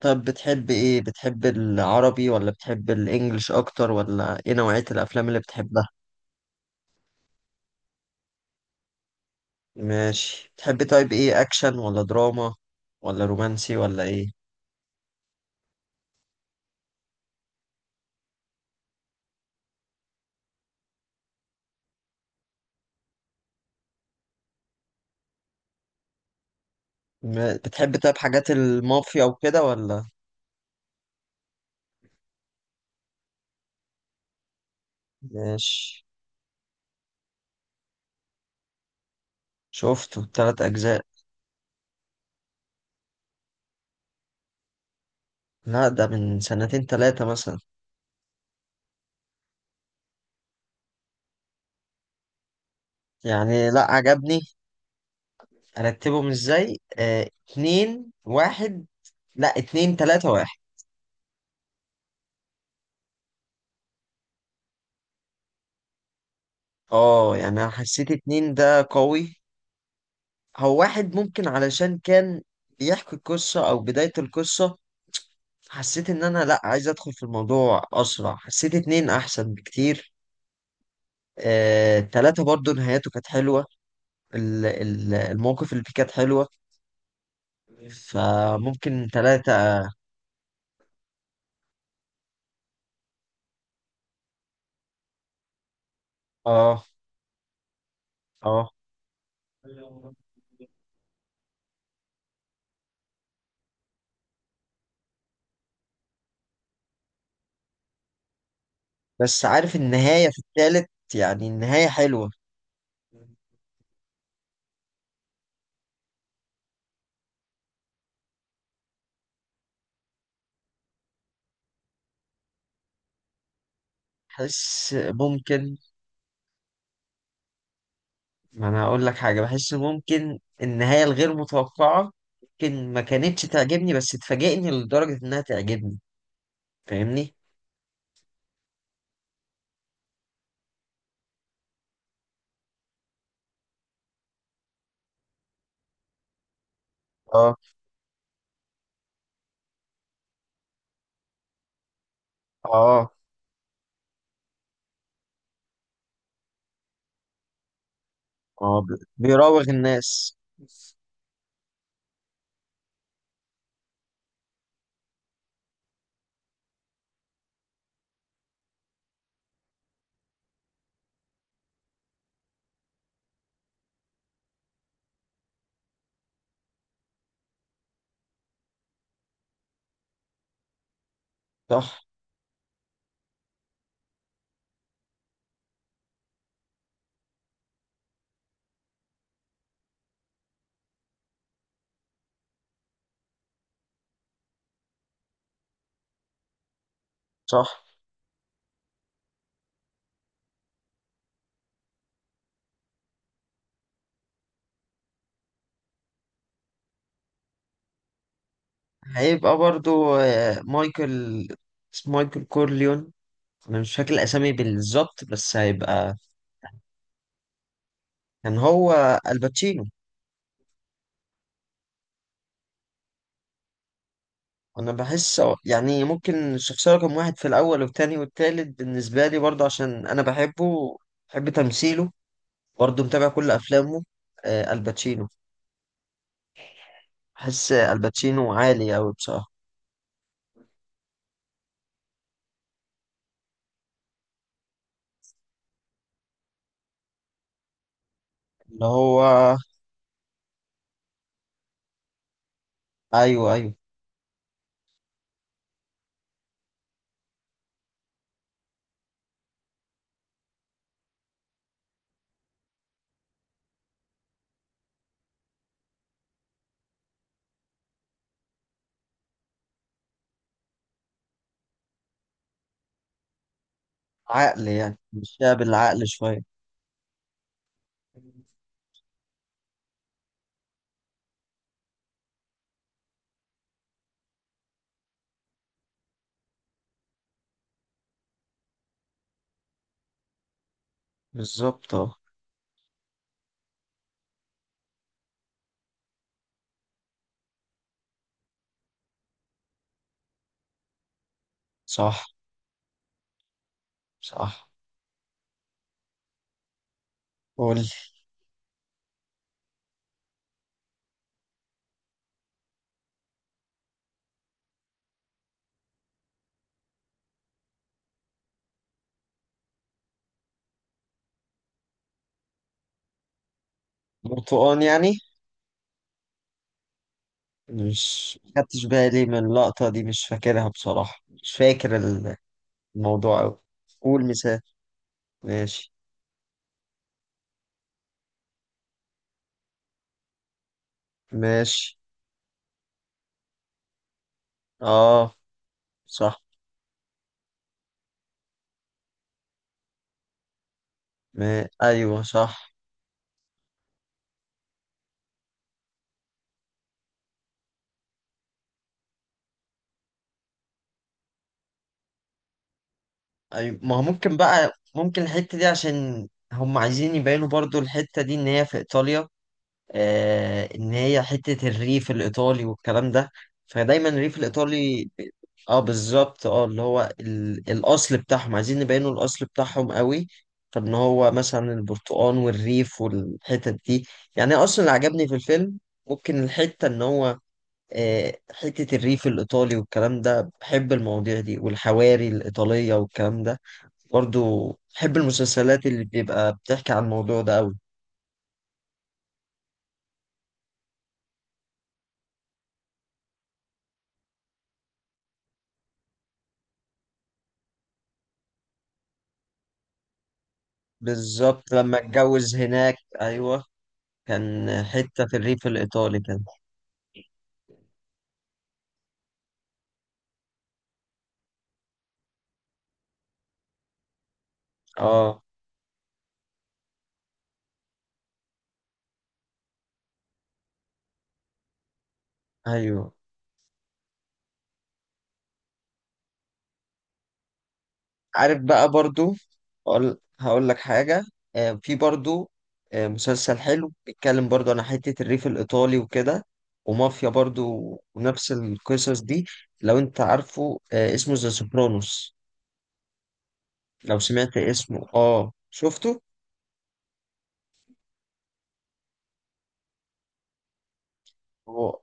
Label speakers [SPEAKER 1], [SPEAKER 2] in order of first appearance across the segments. [SPEAKER 1] طب، بتحب ايه؟ بتحب العربي ولا بتحب الانجليش اكتر، ولا ايه نوعية الافلام اللي بتحبها؟ ماشي. بتحب طيب، ايه، اكشن ولا دراما ولا رومانسي ولا ايه؟ بتحب طيب، حاجات المافيا وكده ولا؟ ماشي. شفته تلات اجزاء. لا، ده من سنتين تلاتة مثلا. يعني لا، عجبني. ارتبهم ازاي، اتنين، واحد. لا، اتنين، تلاتة، واحد. اه، يعني انا حسيت اتنين ده قوي. هو واحد ممكن علشان كان بيحكي القصة أو بداية القصة. حسيت إن أنا، لأ، عايز أدخل في الموضوع أسرع. حسيت اتنين أحسن بكتير. تلاتة برضو نهايته كانت حلوة. المواقف اللي فيه كانت حلوة. فممكن تلاتة. اه، اه. بس عارف النهاية في التالت، يعني النهاية حلوة. حس، ممكن. ما انا اقول لك حاجه، بحس ممكن النهايه الغير متوقعه ممكن ما كانتش تعجبني، بس تفاجئني لدرجه انها تعجبني. فاهمني؟ اه، اه، اه، بيراوغ الناس. صح، صح. هيبقى برضو مايكل. اسمه مايكل كورليون. انا مش فاكر الاسامي بالظبط، بس هيبقى. كان هو الباتشينو. انا بحس يعني ممكن الشخصيه رقم واحد في الاول والتاني والتالت بالنسبه لي برضو عشان انا بحبه. بحب تمثيله. برضه متابع كل افلامه. الباتشينو. بحس الباتشينو عالي أوي بصراحة. اللي هو، ايوه، ايوه. عقل، يعني مشيها بالعقل شوية. بالظبط، اه. صح، صح. قول. برتقان يعني. مش خدتش بالي من اللقطة دي، مش فاكرها بصراحة. مش فاكر الموضوع أوي. قول مثال. ماشي. ماشي. اه، صح. ما... ايوه، صح. ما هو ممكن بقى، ممكن الحتة دي عشان هم عايزين يبينوا برضو الحتة دي إن هي في إيطاليا. إن هي حتة الريف الإيطالي والكلام ده. فدايما الريف الإيطالي اه، بالظبط، اه. اللي هو الأصل بتاعهم عايزين نبينوا الأصل بتاعهم قوي. فإن هو مثلا البرتقال والريف والحتت دي، يعني أصلا اللي عجبني في الفيلم ممكن الحتة إن هو حتة الريف الإيطالي والكلام ده. بحب المواضيع دي والحواري الإيطالية والكلام ده. برضو بحب المسلسلات اللي بيبقى بتحكي عن الموضوع ده قوي. بالظبط لما اتجوز هناك، ايوه. كان حتة في الريف الايطالي كان. اه، ايوه. عارف بقى برضو. هقول لك حاجة. في برضو مسلسل حلو بيتكلم برضو عن حتة الريف الإيطالي وكده، ومافيا برضو، ونفس القصص دي. لو أنت عارفه، اسمه ذا سوبرانوس. لو سمعت اسمه اه، شفته. هو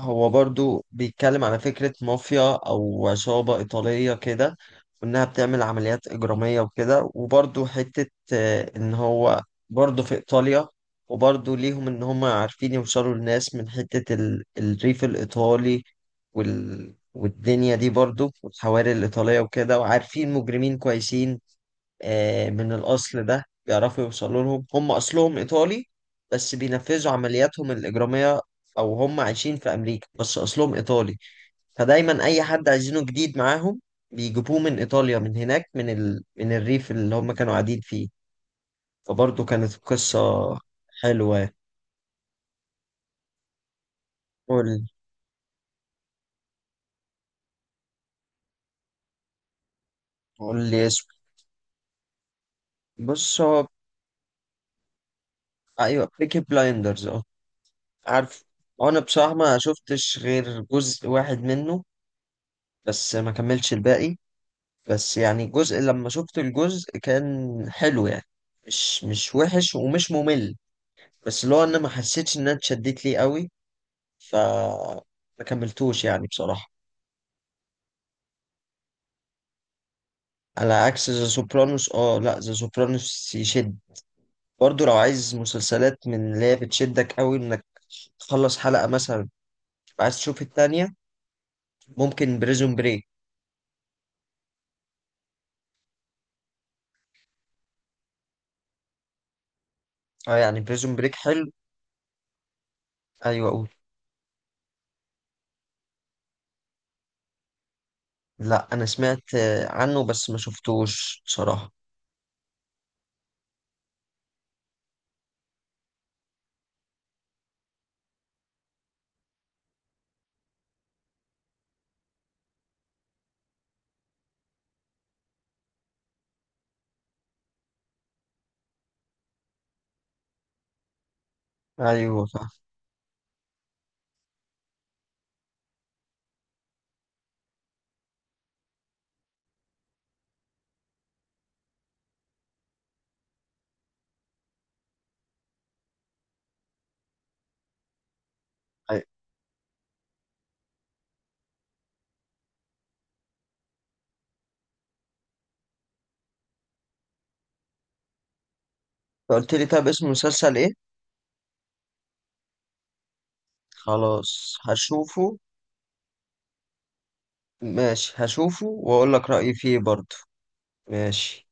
[SPEAKER 1] هو برضو بيتكلم على فكرة مافيا أو عصابة إيطالية كده، وإنها بتعمل عمليات إجرامية وكده، وبرضو حتة إن هو برضو في إيطاليا، وبرضو ليهم إن هم عارفين يوصلوا للناس من حتة الريف الإيطالي والدنيا دي برضو والحواري الإيطالية وكده، وعارفين مجرمين كويسين من الأصل ده بيعرفوا يوصلوا لهم. هم أصلهم إيطالي بس بينفذوا عملياتهم الإجرامية، أو هم عايشين في أمريكا بس أصلهم إيطالي. فدايما أي حد عايزينه جديد معاهم بيجيبوه من إيطاليا، من هناك، من من الريف اللي هم كانوا قاعدين فيه. فبرضه كانت قصة حلوة. قول، قول لي اسمه. بص هو. أيوه، بيكي بلايندرز، أه. عارف. أنا بصراحة ما شفتش غير جزء واحد منه، بس ما كملتش الباقي. بس يعني الجزء، لما شفت الجزء كان حلو يعني، مش وحش ومش ممل. بس اللي هو انا ما حسيتش ان انا اتشدت ليه قوي، ف، ما كملتوش يعني بصراحة. على عكس ذا سوبرانوس، اه. لا، ذا سوبرانوس يشد. برضو لو عايز مسلسلات من اللي هي بتشدك قوي انك تخلص حلقة مثلا تبقى عايز تشوف التانية، ممكن بريزون بريك. اه، يعني بريزون بريك حلو. ايوه، اقول. لا، انا سمعت عنه بس ما شفتوش بصراحة. ايوه، فاهم. أيوة. فقلت لي طب، اسم المسلسل ايه؟ خلاص، هشوفه. ماشي، هشوفه واقول لك رأيي فيه برضه. ماشي.